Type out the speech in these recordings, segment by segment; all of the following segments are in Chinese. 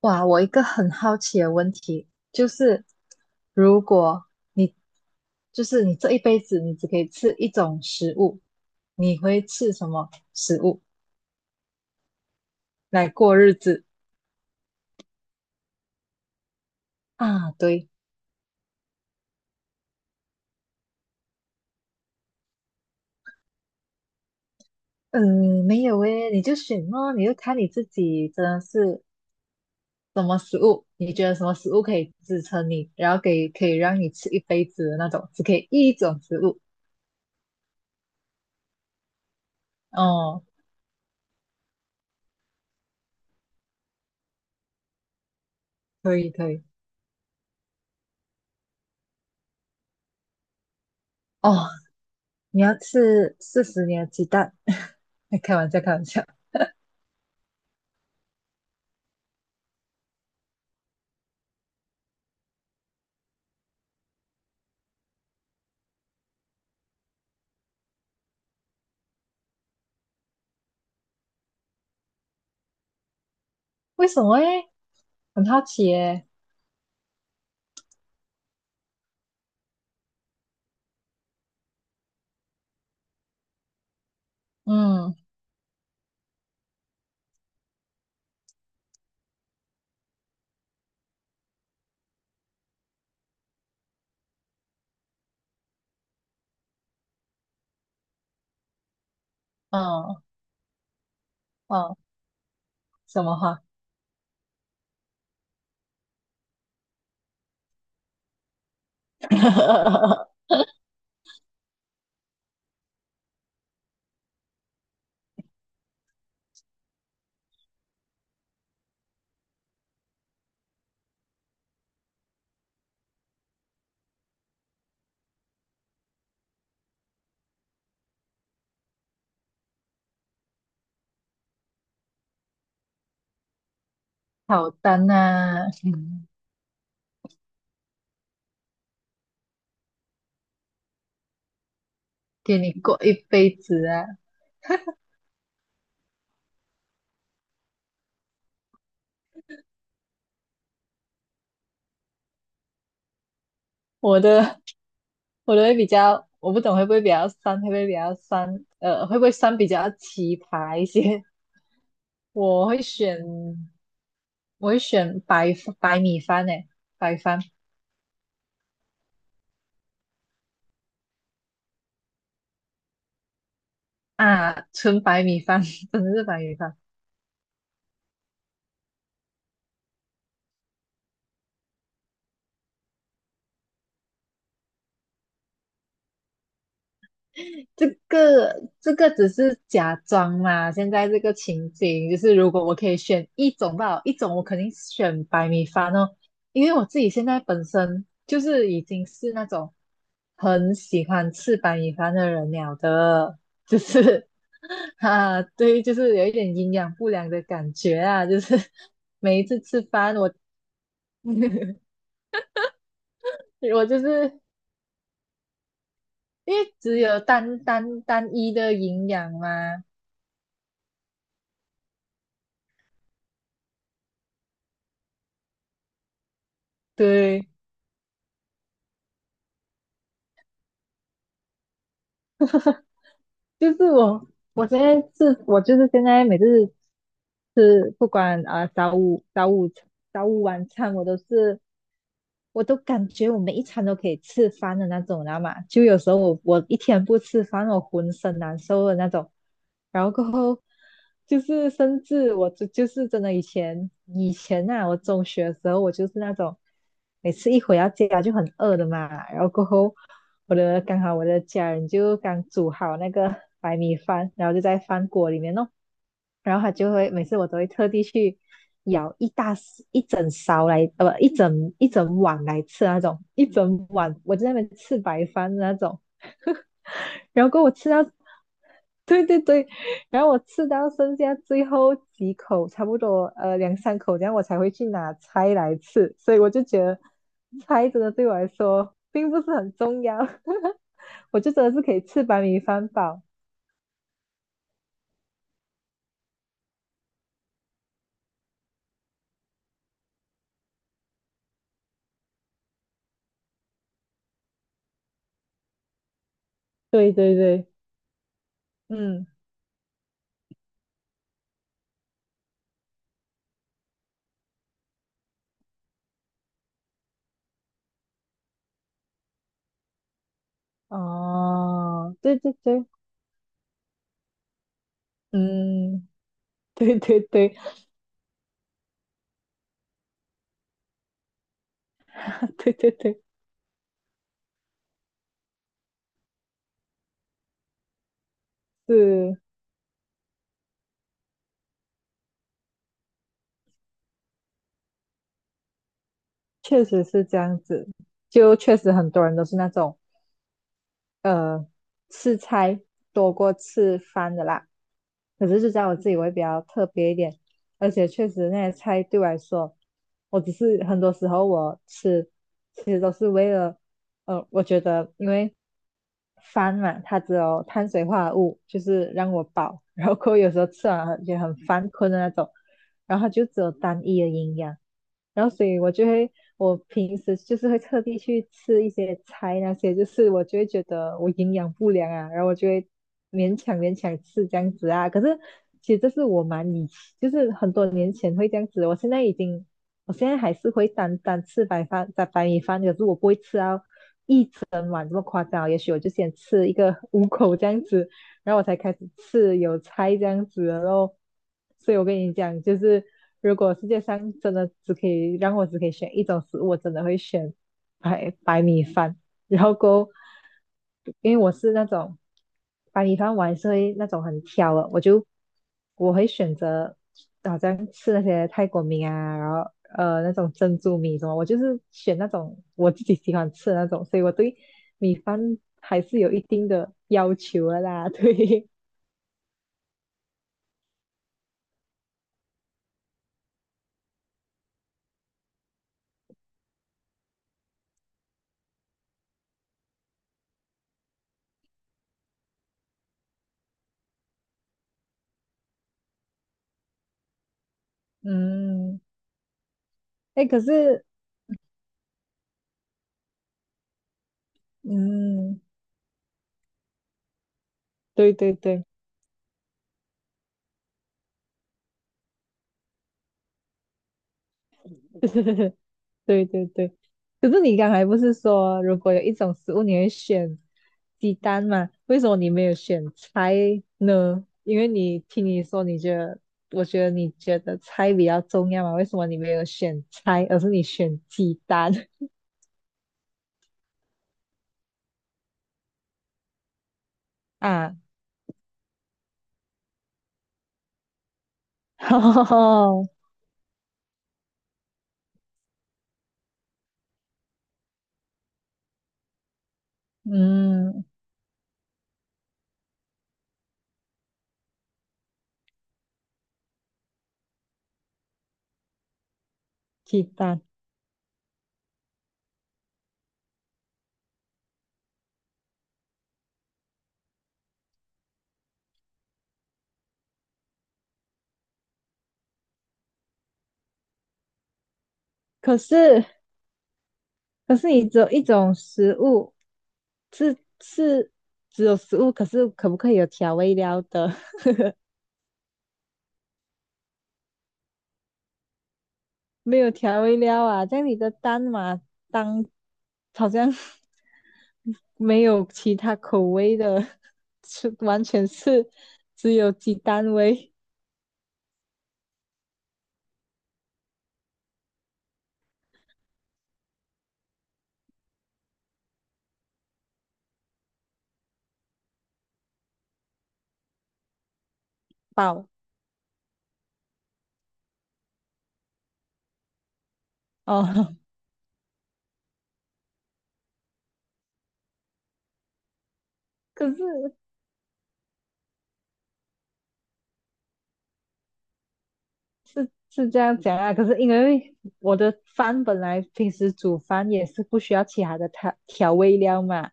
哇，我一个很好奇的问题就是，如果你就是你这一辈子你只可以吃一种食物，你会吃什么食物来过日子啊？对，嗯，没有诶，你就选咯，你就看你自己真的是什么食物，你觉得什么食物可以支撑你，然后给可以让你吃一辈子的那种，只可以一种食物。哦，可以可以。哦，你要吃40年的鸡蛋？开玩笑，开玩笑。为什么诶？很好奇诶。嗯嗯嗯，什么话？好单呐、给你过一辈子啊！我的我的会比较，我不懂会不会比较酸，会不会比较酸？会不会酸比较奇葩一些？我会选，我会选白米饭诶，白饭啊，纯白米饭，真的是白米饭。这个这个只是假装嘛，现在这个情景就是如果我可以选一种吧，一种我肯定选白米饭哦，因为我自己现在本身就是已经是那种很喜欢吃白米饭的人了的，就是 啊，对，就是有一点营养不良的感觉啊，就是每一次吃饭我 我就是因为只有单一的营养嘛，对。就是我，我现在是，我就是现在每次吃，不管啊、早午晚餐我都是，我都感觉我每一餐都可以吃饭的那种，你知道吗？就有时候我一天不吃饭，我浑身难受的那种。然后过后就是甚至我就是真的以前啊，我中学的时候我就是那种每次一回到家就很饿的嘛，然后过后刚好我的家人就刚煮好那个白米饭，然后就在饭锅里面弄，然后他就会每次我都会特地去舀一整勺来，不，一整碗来吃那种，一整碗我就在那边吃白饭的那种，然后给我吃到，对对对，然后我吃到剩下最后几口，差不多两三口这样，我才会去拿菜来吃，所以我就觉得菜真的对我来说并不是很重要，我就真的是可以吃白米饭饱，对对对，嗯。哦，对对对，嗯，对对对，对对对，是，确实是这样子，就确实很多人都是那种。呃，吃菜多过吃饭的啦。可是就在我自己会比较特别一点，而且确实那些菜对我来说，我只是很多时候我吃，其实都是为了，我觉得因为饭嘛，它只有碳水化合物，就是让我饱，然后过后有时候吃完了也很犯困的那种，然后它就只有单一的营养，然后所以我就会，我平时就是会特地去吃一些菜那些，就是我就会觉得我营养不良啊，然后我就会勉强吃这样子啊。可是其实这是我蛮以前，就是很多年前会这样子，我现在已经，我现在还是会单单吃白饭、白米饭，可是我不会吃啊，整碗这么夸张，也许我就先吃一个五口这样子，然后我才开始吃有菜这样子，然后，所以我跟你讲，就是如果世界上真的只可以让我只可以选一种食物，我真的会选白米饭，然后够，因为我是那种白米饭我还是会那种很挑的，我就我会选择好像吃那些泰国米啊，然后那种珍珠米什么，我就是选那种我自己喜欢吃的那种，所以我对米饭还是有一定的要求的啦。对，嗯，哎，可是，嗯，对对对，对对对，可是你刚才不是说如果有一种食物你会选鸡蛋嘛？为什么你没有选菜呢？因为你听你说你觉得。我觉得你觉得菜比较重要嘛？为什么你没有选菜，而是你选鸡蛋？啊，哦，嗯，鸡蛋。可是，可是你只有一种食物，是只有食物，可是可不可以有调味料的？没有调味料啊，这样你的蛋嘛，当好像 没有其他口味的，是完全是只有鸡蛋味 饱哦。可是。是这样讲啊，可是因为我的饭本来平时煮饭也是不需要其他的调味料嘛，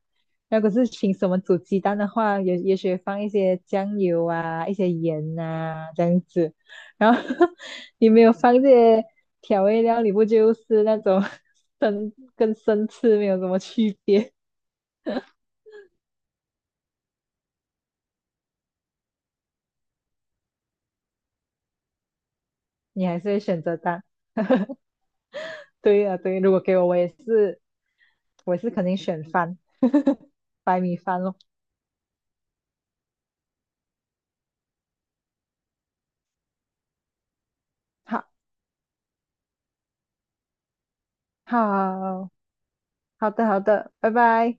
那可是凭什么煮鸡蛋的话，也也许放一些酱油啊，一些盐啊这样子，然后 你没有放这些调味料，你不就是那种 生吃没有什么区别？你还是会选择蛋。对啊，对啊，如果给我，我也是，肯定选饭，白米饭咯。好，好。好的，好的，拜拜。